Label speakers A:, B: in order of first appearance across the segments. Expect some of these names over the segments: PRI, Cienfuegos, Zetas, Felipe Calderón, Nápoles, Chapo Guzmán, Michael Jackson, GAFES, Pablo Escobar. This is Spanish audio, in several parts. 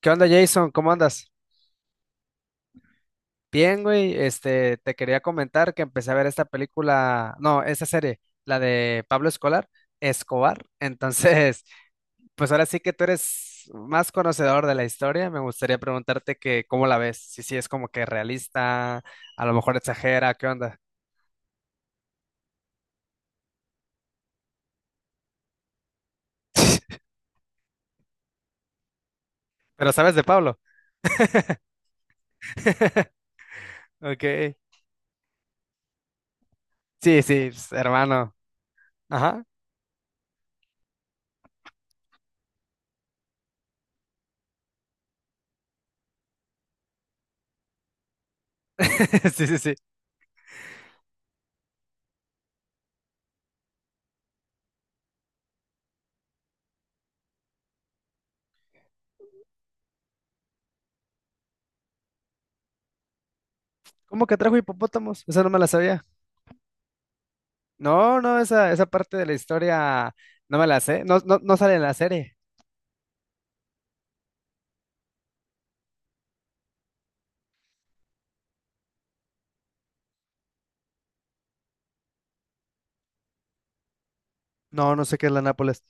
A: ¿Qué onda, Jason? ¿Cómo andas? Bien, güey. Te quería comentar que empecé a ver esta película, no, esta serie, la de Pablo Escolar, Escobar. Entonces, pues ahora sí que tú eres más conocedor de la historia. Me gustaría preguntarte que cómo la ves, si sí es como que realista, a lo mejor exagera, ¿qué onda? Pero sabes de Pablo. Ok. Sí, sí, pues, hermano. Ajá. Sí, sí, sí. ¿Cómo que trajo hipopótamos? Eso no me la sabía. No, no, esa parte de la historia no me la sé. No, no, no sale en la serie. No, no sé qué es la Nápoles.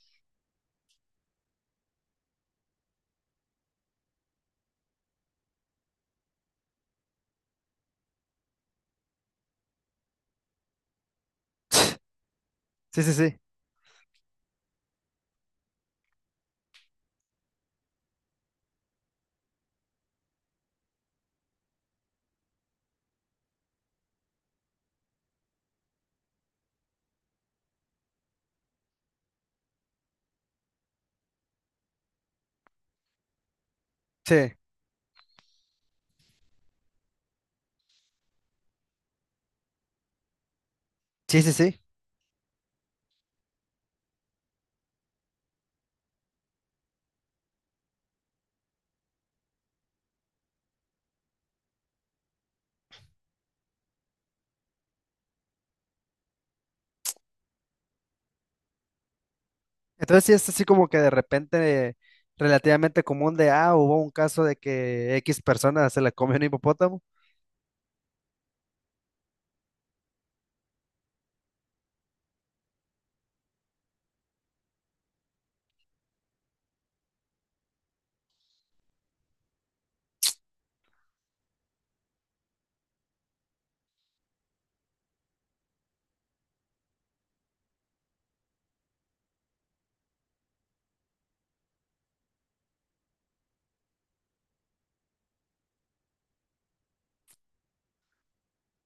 A: Sí, sí, sí. Sí. Sí, sí, sí. Entonces sí es así como que de repente relativamente común de, ah, hubo un caso de que X persona se la comió un hipopótamo.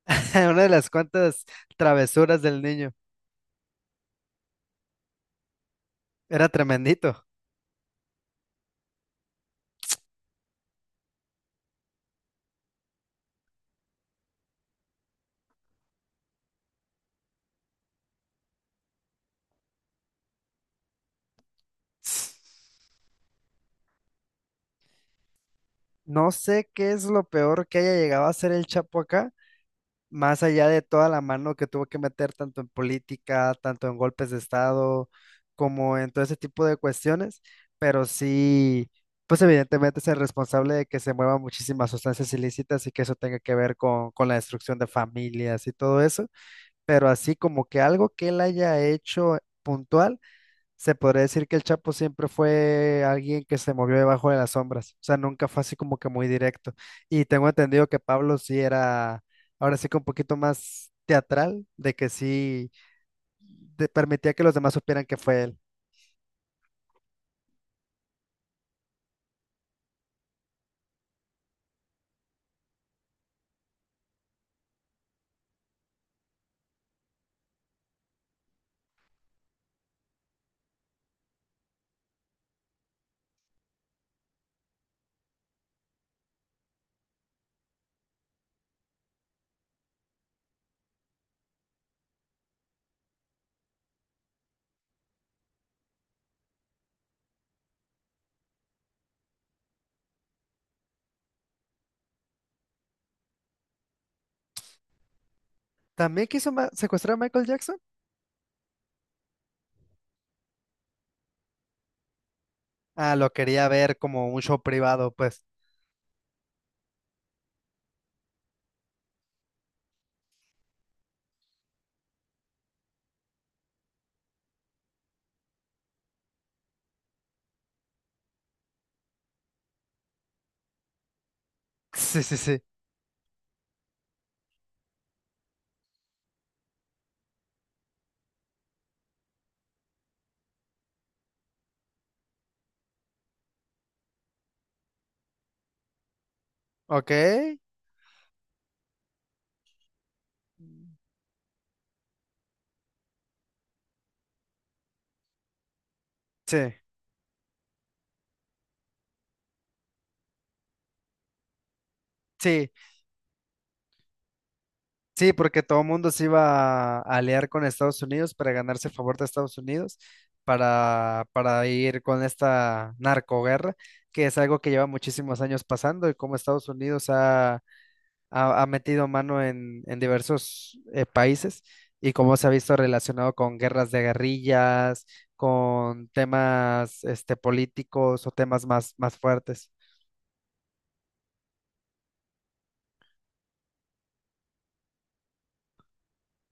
A: Una de las cuantas travesuras del niño. Era tremendito. No sé qué es lo peor que haya llegado a hacer el Chapo acá, más allá de toda la mano que tuvo que meter tanto en política, tanto en golpes de Estado, como en todo ese tipo de cuestiones, pero sí, pues evidentemente es el responsable de que se muevan muchísimas sustancias ilícitas y que eso tenga que ver con, la destrucción de familias y todo eso, pero así como que algo que él haya hecho puntual. Se podría decir que el Chapo siempre fue alguien que se movió debajo de las sombras, o sea, nunca fue así como que muy directo. Y tengo entendido que Pablo sí era, ahora sí que un poquito más teatral, de que sí permitía que los demás supieran que fue él. ¿También quiso secuestrar a Michael Jackson? Ah, lo quería ver como un show privado, pues. Sí, sí, sí. Ok. Sí, sí. Sí, porque todo el mundo se iba a aliar con Estados Unidos para ganarse el favor de Estados Unidos, para ir con esta narcoguerra, que es algo que lleva muchísimos años pasando y como Estados Unidos ha metido mano en, diversos países y cómo se ha visto relacionado con guerras de guerrillas, con temas este, políticos o temas más fuertes.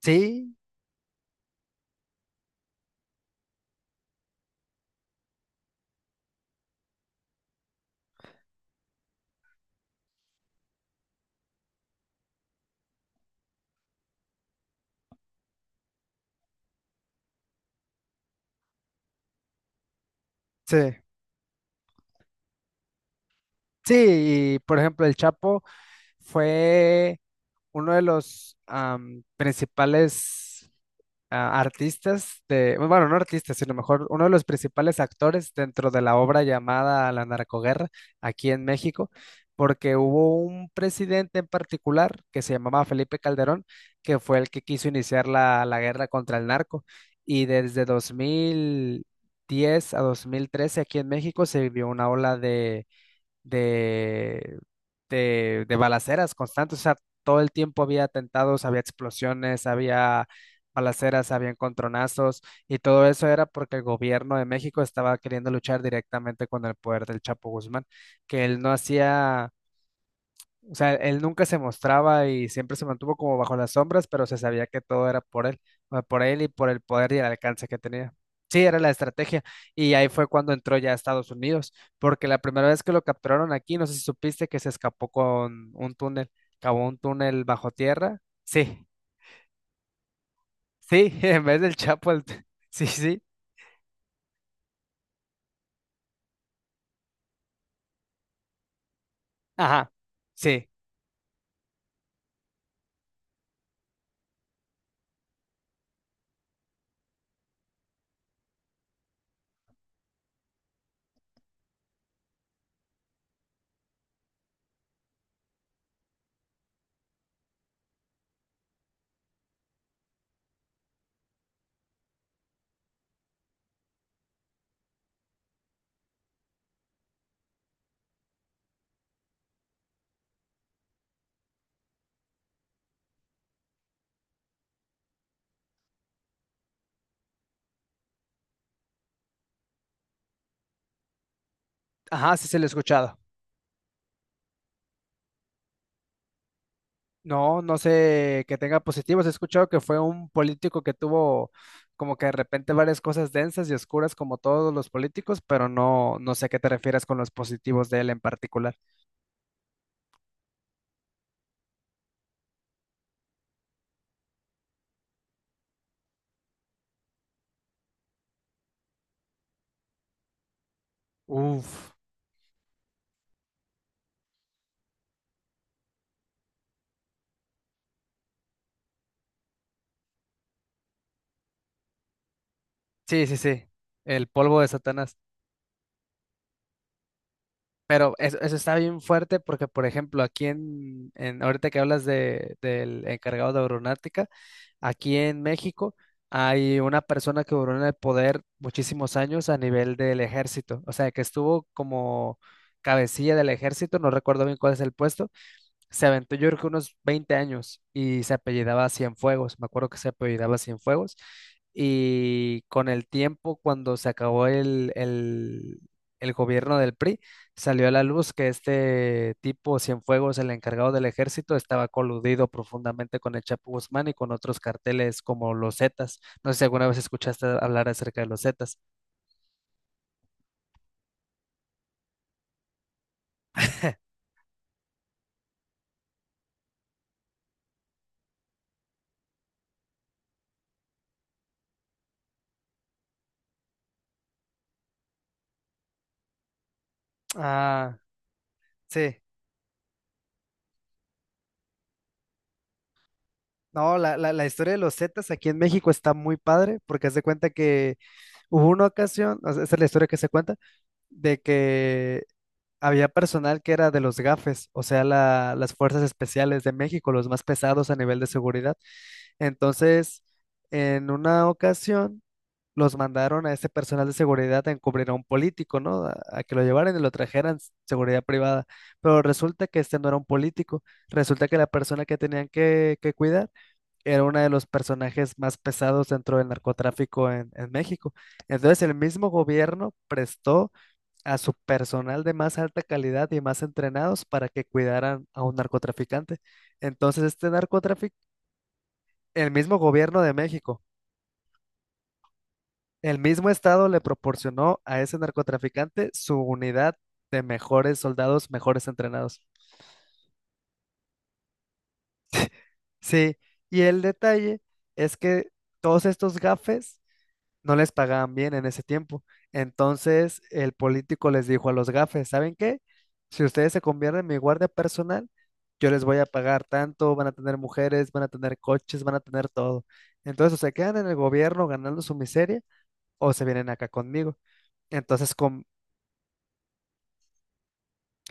A: Sí, sí. Sí, y por ejemplo, el Chapo. Fue uno de los principales artistas de, bueno, no artistas, sino mejor, uno de los principales actores dentro de la obra llamada La Narcoguerra aquí en México, porque hubo un presidente en particular que se llamaba Felipe Calderón, que fue el que quiso iniciar la guerra contra el narco, y desde 2010 a 2013 aquí en México se vivió una ola de, de balaceras constantes, o sea, todo el tiempo había atentados, había explosiones, había balaceras, había encontronazos, y todo eso era porque el gobierno de México estaba queriendo luchar directamente con el poder del Chapo Guzmán, que él no hacía o sea, él nunca se mostraba y siempre se mantuvo como bajo las sombras, pero se sabía que todo era por él, o por él y por el poder y el alcance que tenía. Sí, era la estrategia. Y ahí fue cuando entró ya a Estados Unidos, porque la primera vez que lo capturaron aquí, no sé si supiste que se escapó con un túnel, cavó un túnel bajo tierra. Sí, sí, en vez del Chapo, sí, sí, ajá, sí, ajá, sí se lo he escuchado. No, no sé que tenga positivos. He escuchado que fue un político que tuvo como que de repente varias cosas densas y oscuras como todos los políticos, pero no, no sé a qué te refieres con los positivos de él en particular. Uf, sí, sí, sí. El polvo de Satanás. Pero eso está bien fuerte porque, por ejemplo, aquí en ahorita que hablas de, del, encargado de aeronáutica, aquí en México hay una persona que duró en el poder muchísimos años a nivel del ejército, o sea, que estuvo como cabecilla del ejército, no recuerdo bien cuál es el puesto, se aventó yo creo que unos 20 años y se apellidaba Cienfuegos, me acuerdo que se apellidaba Cienfuegos y con el tiempo cuando se acabó el gobierno del PRI salió a la luz que este tipo Cienfuegos, el encargado del ejército, estaba coludido profundamente con el Chapo Guzmán y con otros carteles como los Zetas. No sé si alguna vez escuchaste hablar acerca de los Zetas. Ah, sí. No, la historia de los Zetas aquí en México está muy padre porque haz de cuenta que hubo una ocasión, o sea, esa es la historia que se cuenta, de que había personal que era de los GAFES, o sea, las fuerzas especiales de México, los más pesados a nivel de seguridad. Entonces, en una ocasión, los mandaron a este personal de seguridad a encubrir a un político, ¿no? A que lo llevaran y lo trajeran seguridad privada. Pero resulta que este no era un político, resulta que la persona que tenían que cuidar era uno de los personajes más pesados dentro del narcotráfico en México. Entonces el mismo gobierno prestó a su personal de más alta calidad y más entrenados para que cuidaran a un narcotraficante. Entonces este narcotraficante, el mismo gobierno de México, el mismo estado le proporcionó a ese narcotraficante su unidad de mejores soldados, mejores entrenados. Sí, y el detalle es que todos estos gafes no les pagaban bien en ese tiempo. Entonces el político les dijo a los gafes, ¿saben qué? Si ustedes se convierten en mi guardia personal, yo les voy a pagar tanto, van a tener mujeres, van a tener coches, van a tener todo. Entonces o se quedan en el gobierno ganando su miseria o se vienen acá conmigo. Entonces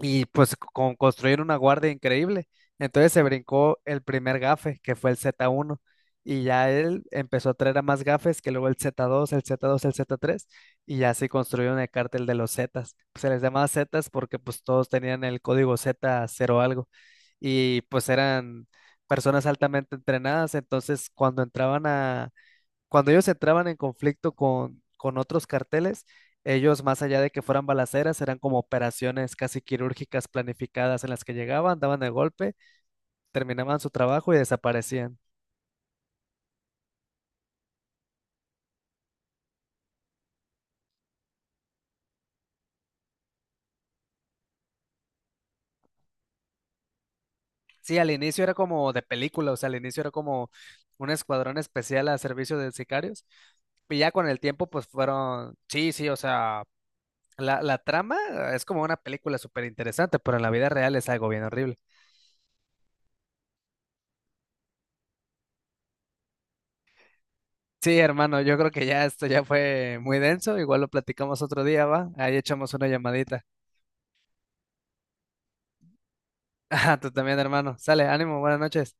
A: y pues con construir una guardia increíble. Entonces se brincó el primer gafe, que fue el Z1, y ya él empezó a traer a más gafes, que luego el Z2, el Z3, y ya se construyó el cártel de los Zetas. Se les llamaba Zetas porque pues todos tenían el código Z0 algo, y pues eran personas altamente entrenadas, entonces cuando ellos entraban en conflicto con, otros carteles, ellos, más allá de que fueran balaceras, eran como operaciones casi quirúrgicas planificadas en las que llegaban, daban el golpe, terminaban su trabajo y desaparecían. Sí, al inicio era como de película, o sea, al inicio era como un escuadrón especial a servicio de sicarios. Y ya con el tiempo, pues fueron, sí, sí, o sea, la trama es como una película súper interesante, pero en la vida real es algo bien horrible. Sí, hermano, yo creo que ya esto ya fue muy denso. Igual lo platicamos otro día, ¿va? Ahí echamos una llamadita. Ah, tú también, hermano. Sale, ánimo, buenas noches.